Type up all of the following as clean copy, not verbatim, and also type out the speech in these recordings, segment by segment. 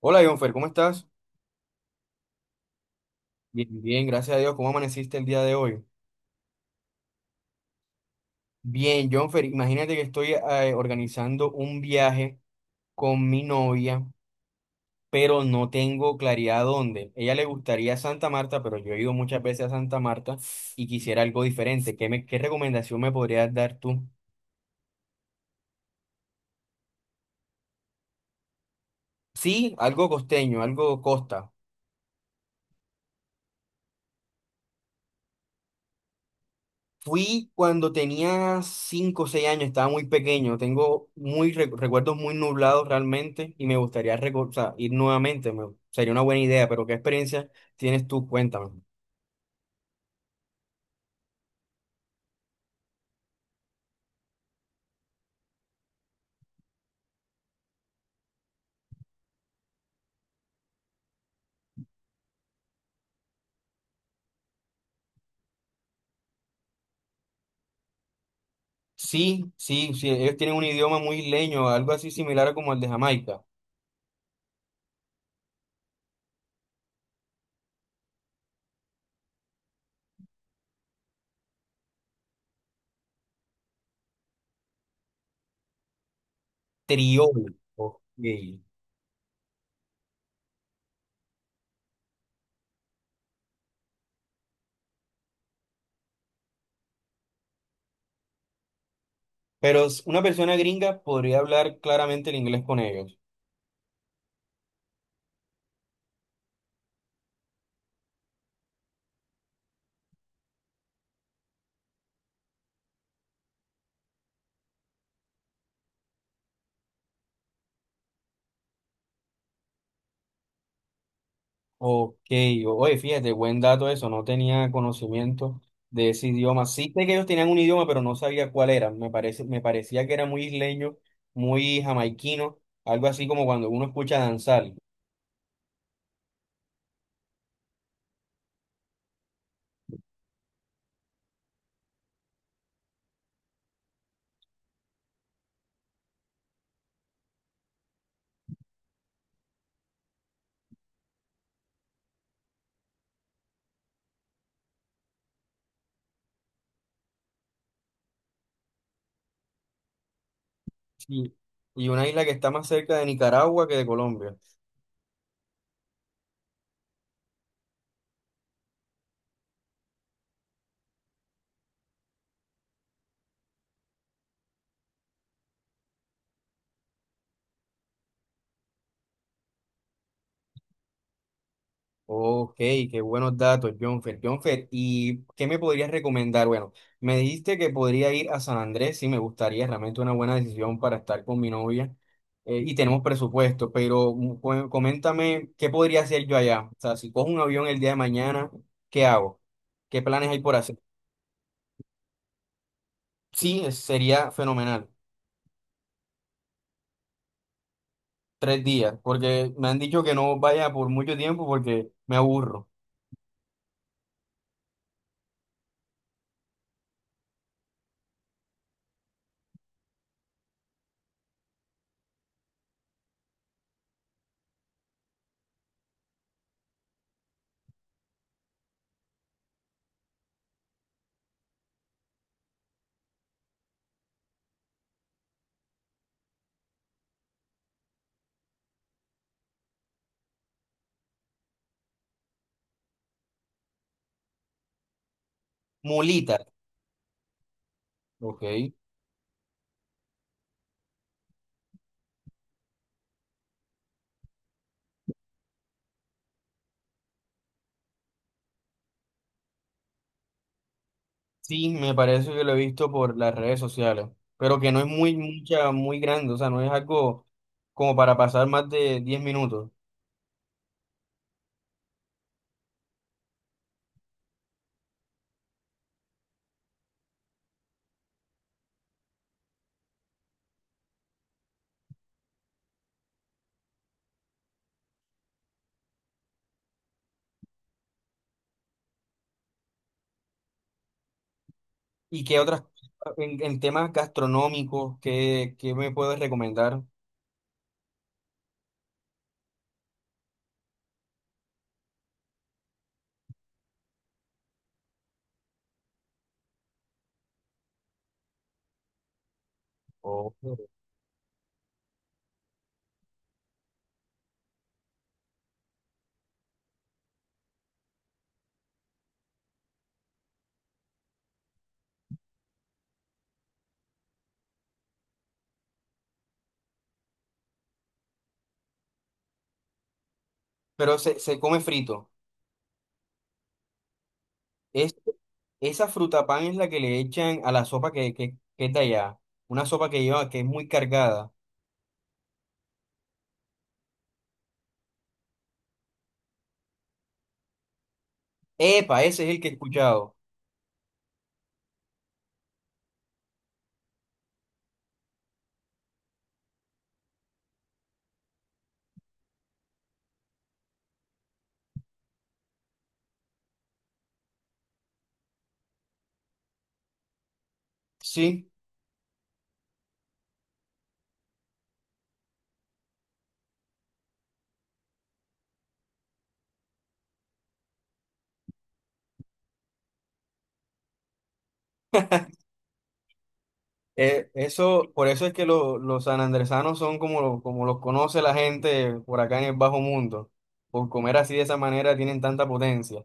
Hola, Jonfer, ¿cómo estás? Bien, bien, gracias a Dios. ¿Cómo amaneciste el día de hoy? Bien, Jonfer, imagínate que estoy organizando un viaje con mi novia, pero no tengo claridad dónde. Ella le gustaría Santa Marta, pero yo he ido muchas veces a Santa Marta y quisiera algo diferente. ¿ qué recomendación me podrías dar tú? Sí, algo costeño, algo costa. Fui cuando tenía 5 o 6 años, estaba muy pequeño, tengo muy recuerdos muy nublados realmente y me gustaría o sea, ir nuevamente, sería una buena idea, pero ¿qué experiencia tienes tú? Cuéntame. Sí, sí, sí, ellos tienen un idioma muy isleño, algo así similar a como el de Jamaica, triolo. Ok. Pero una persona gringa podría hablar claramente el inglés con ellos. Ok, oye, fíjate, buen dato eso, no tenía conocimiento de ese idioma. Sí sé que ellos tenían un idioma, pero no sabía cuál era. Me parecía que era muy isleño, muy jamaiquino, algo así como cuando uno escucha danzar. Sí. Y una isla que está más cerca de Nicaragua que de Colombia. Ok, qué buenos datos, Jonfer. Jonfer, ¿y qué me podrías recomendar? Bueno, me dijiste que podría ir a San Andrés, sí, me gustaría, realmente una buena decisión para estar con mi novia y tenemos presupuesto, pero coméntame qué podría hacer yo allá. O sea, si cojo un avión el día de mañana, ¿qué hago? ¿Qué planes hay por hacer? Sí, sería fenomenal, 3 días, porque me han dicho que no vaya por mucho tiempo porque me aburro. Mulita, ok. Sí, me parece que lo he visto por las redes sociales, pero que no es muy mucha, muy grande, o sea, no es algo como para pasar más de 10 minutos. ¿Y qué otras, en temas gastronómicos, qué me puedes recomendar? Oh. Pero se come frito. Es, esa fruta pan es la que le echan a la sopa que es de allá, una sopa que lleva, que es muy cargada. Epa, ese es el que he escuchado. Sí. Eso, por eso es que los sanandresanos son como, como los conoce la gente por acá en el bajo mundo. Por comer así de esa manera tienen tanta potencia.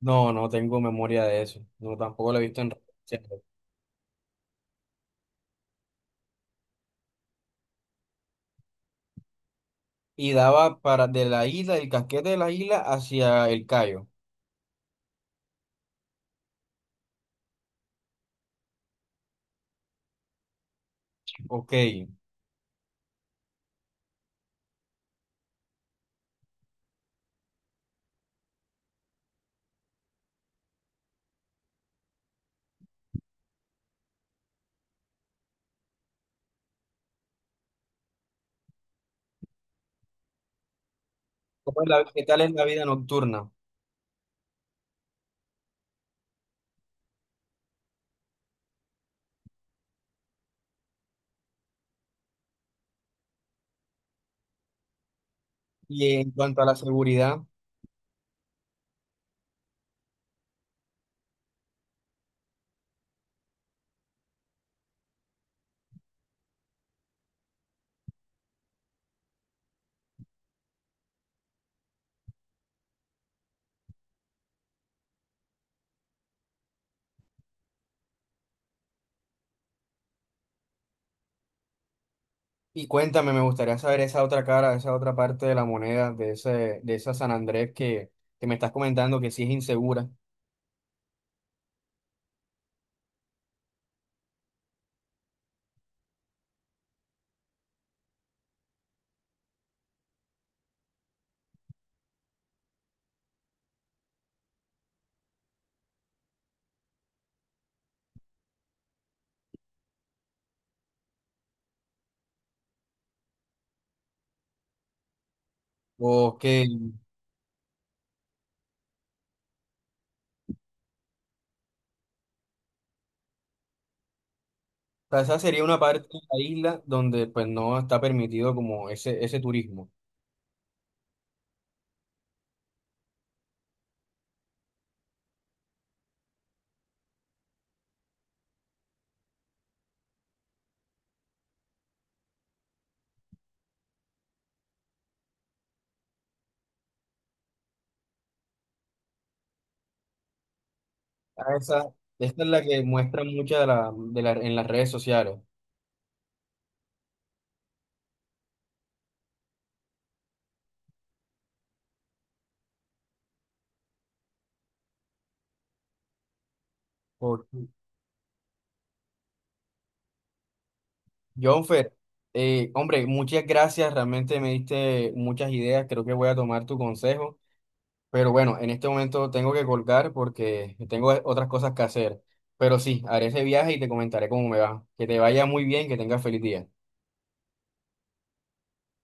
No, no tengo memoria de eso. No, tampoco lo he visto en redes sociales. Y daba para de la isla, el casquete de la isla hacia el Cayo. Ok. ¿Cómo es qué tal es la vida nocturna? Y en cuanto a la seguridad, y cuéntame, me gustaría saber esa otra cara, esa otra parte de la moneda de ese, de esa San Andrés que me estás comentando que sí es insegura. Ok, o sea, esa sería una parte de la isla donde pues no está permitido como ese turismo. Ah, esa, esta es la que muestran muchas de la, en las redes sociales. Por, Jonfer, hombre, muchas gracias, realmente me diste muchas ideas, creo que voy a tomar tu consejo, pero bueno, en este momento tengo que colgar porque tengo otras cosas que hacer, pero sí, haré ese viaje y te comentaré cómo me va. Que te vaya muy bien, que tengas feliz día.